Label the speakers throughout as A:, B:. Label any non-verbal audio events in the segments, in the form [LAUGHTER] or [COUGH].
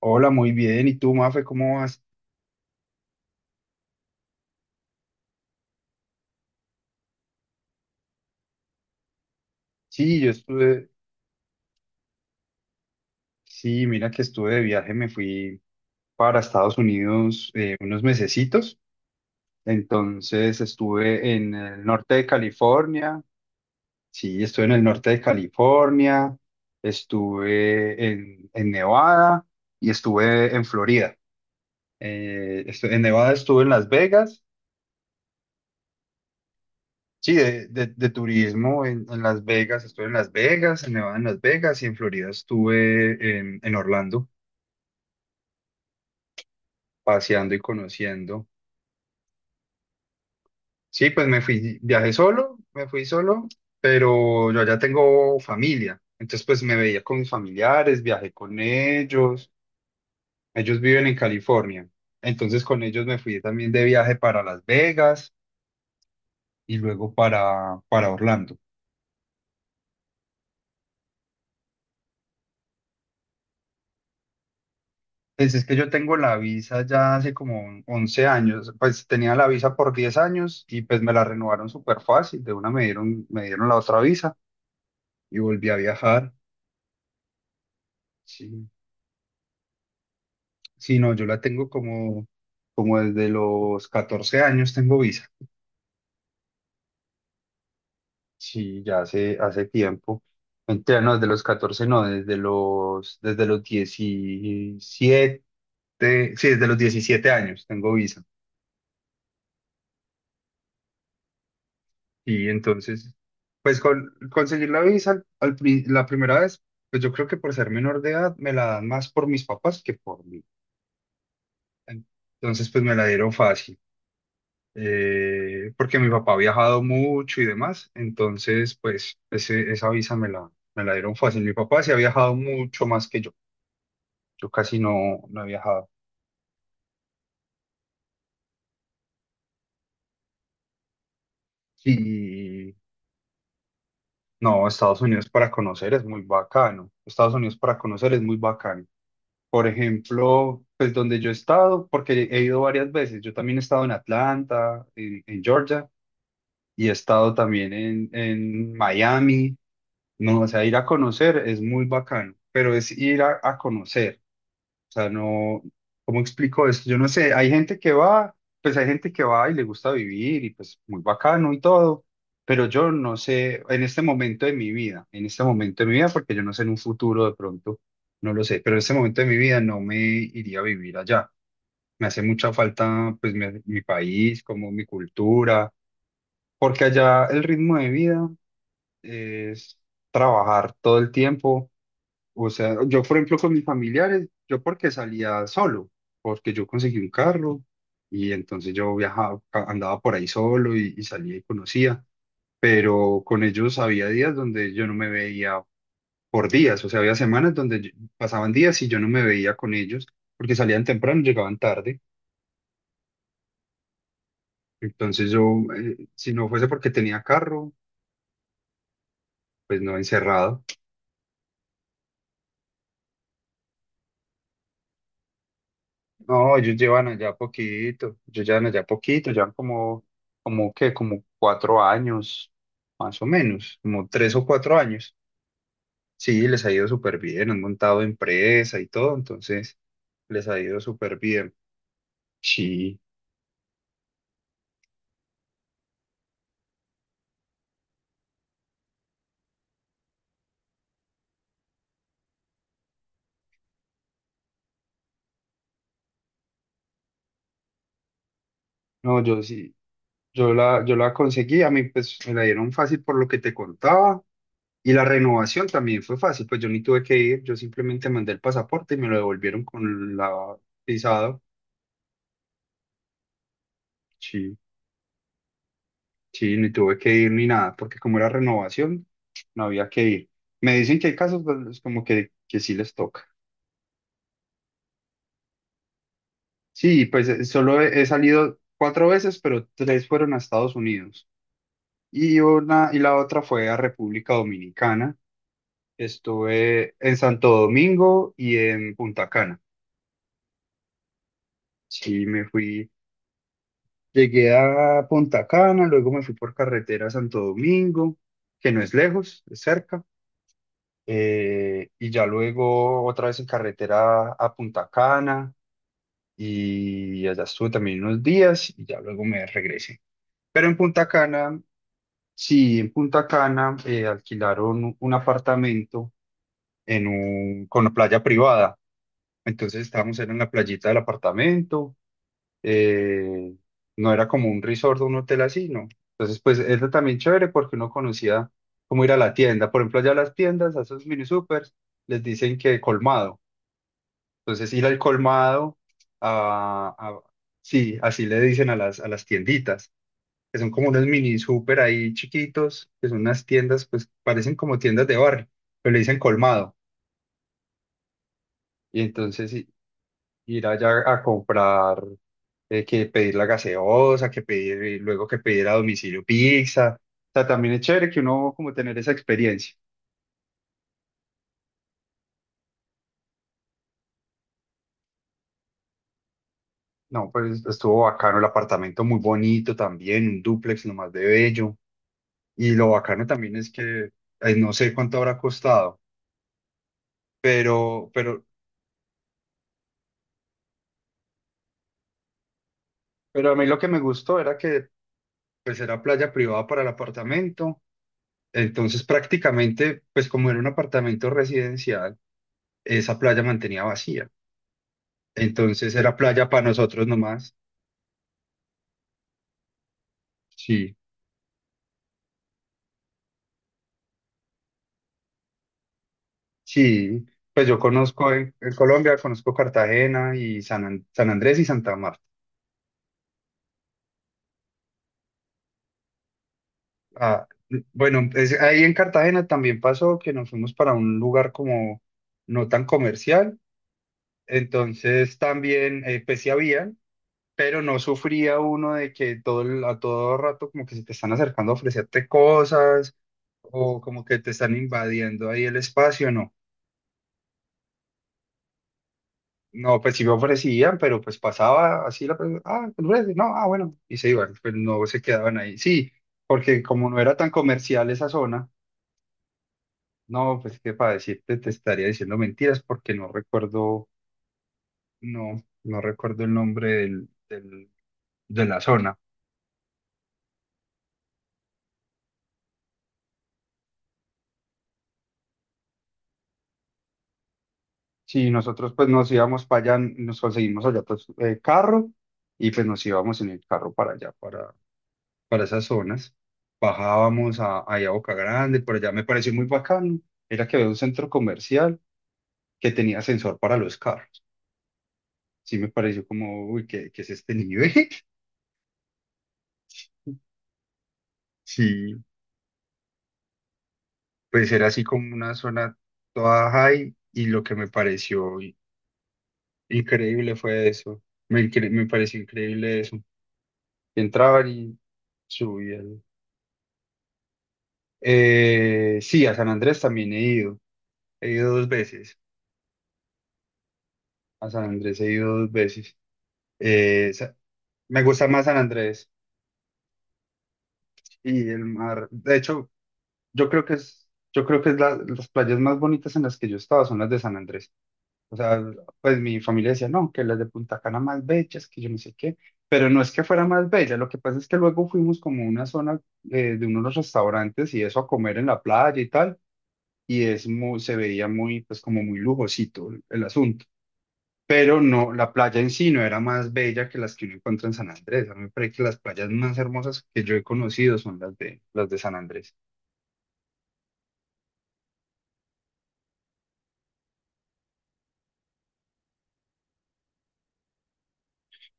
A: Hola, muy bien. ¿Y tú, Mafe, cómo vas? Sí, yo estuve. Sí, mira que estuve de viaje, me fui para Estados Unidos unos mesecitos. Entonces estuve en el norte de California. Sí, estuve en el norte de California, estuve en Nevada y estuve en Florida. En Nevada estuve en Las Vegas. Sí, de turismo en Las Vegas, estuve en Las Vegas, en Nevada en Las Vegas y en Florida estuve en Orlando. Paseando y conociendo. Sí, pues me fui, viajé solo, me fui solo, pero yo ya tengo familia. Entonces, pues me veía con mis familiares, viajé con ellos. Ellos viven en California. Entonces, con ellos me fui también de viaje para Las Vegas y luego para Orlando. Pues es que yo tengo la visa ya hace como 11 años, pues tenía la visa por 10 años y pues me la renovaron súper fácil, de una me dieron la otra visa y volví a viajar. Sí. Sí, no, yo la tengo como desde los 14 años tengo visa. Sí, ya hace tiempo. Mentira, no, desde los 14 no, desde los 17 sí, desde los 17 años tengo visa. Y entonces, pues conseguir la visa la primera vez, pues yo creo que por ser menor de edad me la dan más por mis papás que por mí. Entonces, pues me la dieron fácil. Porque mi papá ha viajado mucho y demás, entonces pues esa visa me la dieron fácil. Mi papá sí ha viajado mucho más que yo casi no, no he viajado. Y no, Estados Unidos para conocer es muy bacano, Estados Unidos para conocer es muy bacano. Por ejemplo, pues donde yo he estado, porque he ido varias veces, yo también he estado en Atlanta, en Georgia, y he estado también en Miami. No, o sea, ir a conocer es muy bacano, pero es ir a conocer. O sea, no, ¿cómo explico esto? Yo no sé, hay gente que va, pues hay gente que va y le gusta vivir y pues muy bacano y todo, pero yo no sé en este momento de mi vida, en este momento de mi vida, porque yo no sé en un futuro de pronto, no lo sé, pero en este momento de mi vida no me iría a vivir allá. Me hace mucha falta pues mi país, como mi cultura, porque allá el ritmo de vida es trabajar todo el tiempo. O sea, yo por ejemplo con mis familiares, yo porque salía solo, porque yo conseguí un carro y entonces yo viajaba, andaba por ahí solo y salía y conocía, pero con ellos había días donde yo no me veía por días, o sea, había semanas donde pasaban días y yo no me veía con ellos porque salían temprano, llegaban tarde, entonces yo, si no fuese porque tenía carro, pues no encerrado. No, ellos llevan allá poquito, ellos llevan allá poquito, llevan como 4 años, más o menos, como 3 o 4 años. Sí, les ha ido súper bien, han montado empresa y todo, entonces les ha ido súper bien. Sí, no, yo sí, yo la conseguí, a mí pues me la dieron fácil por lo que te contaba, y la renovación también fue fácil, pues yo ni tuve que ir, yo simplemente mandé el pasaporte y me lo devolvieron con la visado. Sí. Sí, ni tuve que ir ni nada, porque como era renovación, no había que ir. Me dicen que hay casos pues, como que, sí les toca. Sí, pues solo he salido 4 veces, pero tres fueron a Estados Unidos. Y una, y la otra fue a República Dominicana. Estuve en Santo Domingo y en Punta Cana. Sí, me fui, llegué a Punta Cana, luego me fui por carretera a Santo Domingo, que no es lejos, es cerca. Y ya luego otra vez en carretera a Punta Cana y allá estuve también unos días y ya luego me regresé. Pero en Punta Cana, sí, en Punta Cana, alquilaron un apartamento con una playa privada. Entonces estábamos era en la playita del apartamento, eh, no era como un resort o un hotel así, ¿no? Entonces pues era también chévere porque uno conocía cómo ir a la tienda. Por ejemplo, allá las tiendas, a esos mini supers, les dicen que colmado. Entonces ir al colmado, a, a- sí, así le dicen a las tienditas, que son como unos mini super ahí chiquitos, que son unas tiendas, pues parecen como tiendas de barrio, pero le dicen colmado. Y entonces ir allá a comprar, que pedir la gaseosa, que pedir, y luego que pedir a domicilio pizza. O sea, también es chévere que uno como tener esa experiencia. No, pues estuvo bacano el apartamento, muy bonito también, un dúplex nomás de bello. Y lo bacano también es que ay, no sé cuánto habrá costado, pero, pero, pero a mí lo que me gustó era que pues era playa privada para el apartamento, entonces prácticamente pues como era un apartamento residencial, esa playa mantenía vacía, entonces era playa para nosotros nomás. Sí, sí, pues yo conozco en Colombia, conozco Cartagena y San Andrés y Santa Marta. Ah, bueno, ahí en Cartagena también pasó que nos fuimos para un lugar como no tan comercial, entonces también, pues sí habían, pero no sufría uno de que a todo rato como que se te están acercando a ofrecerte cosas o como que te están invadiendo ahí el espacio, no. No, pues sí me ofrecían, pero pues pasaba así la persona, ah, ¿te ofrece? No, ah, bueno, y se iban, pues no se quedaban ahí. Sí, porque como no era tan comercial esa zona. No, pues que para decirte te estaría diciendo mentiras porque no recuerdo el nombre de la zona. Sí, nosotros pues nos íbamos para allá, nos conseguimos allá pues carro y pues nos íbamos en el carro para allá, para esas zonas. Bajábamos ahí a Boca Grande, por allá me pareció muy bacano. Era que había un centro comercial que tenía sensor para los carros. Sí, me pareció como, uy, ¿qué es este nivel? [LAUGHS] Sí. Pues era así como una zona toda high y lo que me pareció increíble fue eso. Me pareció increíble eso. Entraban y subían. Sí, a San Andrés también he ido. He ido 2 veces. A San Andrés he ido 2 veces. Eh, sa- Me gusta más San Andrés y el mar. De hecho, yo creo que es las playas más bonitas en las que yo he estado son las de San Andrés. O sea, pues mi familia decía, no, que las de Punta Cana más bellas, que yo no sé qué, pero no es que fuera más bella, lo que pasa es que luego fuimos como a una zona de unos restaurantes y eso a comer en la playa y tal, y es muy, se veía muy, pues como muy lujosito el asunto, pero no, la playa en sí no era más bella que las que uno encuentra en San Andrés, a mí me parece que las playas más hermosas que yo he conocido son las de San Andrés.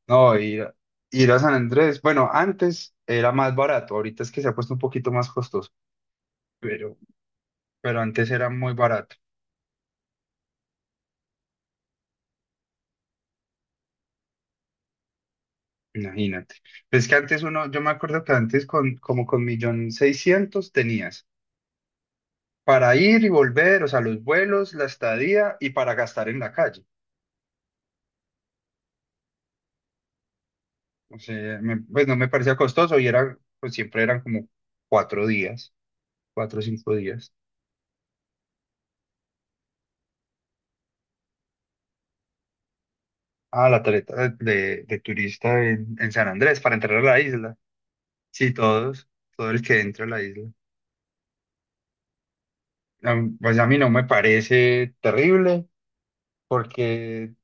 A: No, ir, ir a San Andrés, bueno, antes era más barato, ahorita es que se ha puesto un poquito más costoso. Pero pero antes era muy barato, imagínate. Pues es que antes uno, yo me acuerdo que antes con 1.600.000 tenías para ir y volver, o sea, los vuelos, la estadía y para gastar en la calle. O sea, pues no me parecía costoso y era, pues siempre eran como 4 días, 4 o 5 días. Ah, la tarjeta de turista en San Andrés para entrar a la isla. Sí, todos, todo el que entra a la isla. Pues a mí no me parece terrible porque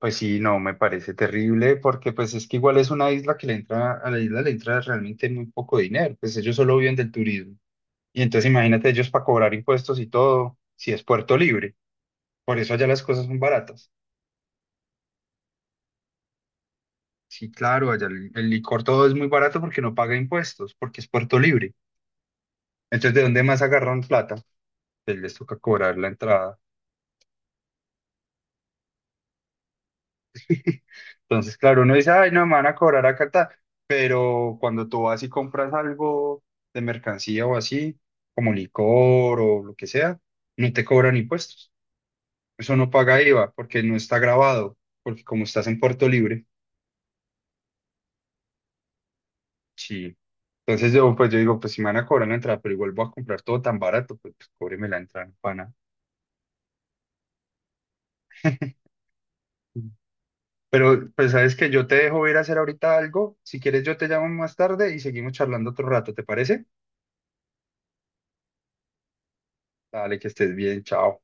A: pues sí, no, me parece terrible porque pues es que igual es una isla que le entra, a la isla le entra realmente muy poco dinero, pues ellos solo viven del turismo. Y entonces imagínate ellos para cobrar impuestos y todo, si es Puerto Libre, por eso allá las cosas son baratas. Sí, claro, allá el licor todo es muy barato porque no paga impuestos, porque es Puerto Libre. Entonces, ¿de dónde más agarran plata? Pues les toca cobrar la entrada. [LAUGHS] Entonces, claro, uno dice, ay, no, me van a cobrar acá, ta". Pero cuando tú vas y compras algo de mercancía o así, como licor o lo que sea, no te cobran impuestos. Eso no paga IVA porque no está grabado, porque como estás en Puerto Libre, sí. Entonces yo, pues yo digo, pues si me van a cobrar la entrada, pero igual voy a comprar todo tan barato, pues cóbreme la entrada, no pana. Pero pues sabes que yo te dejo ir a hacer ahorita algo. Si quieres, yo te llamo más tarde y seguimos charlando otro rato, ¿te parece? Dale, que estés bien, chao.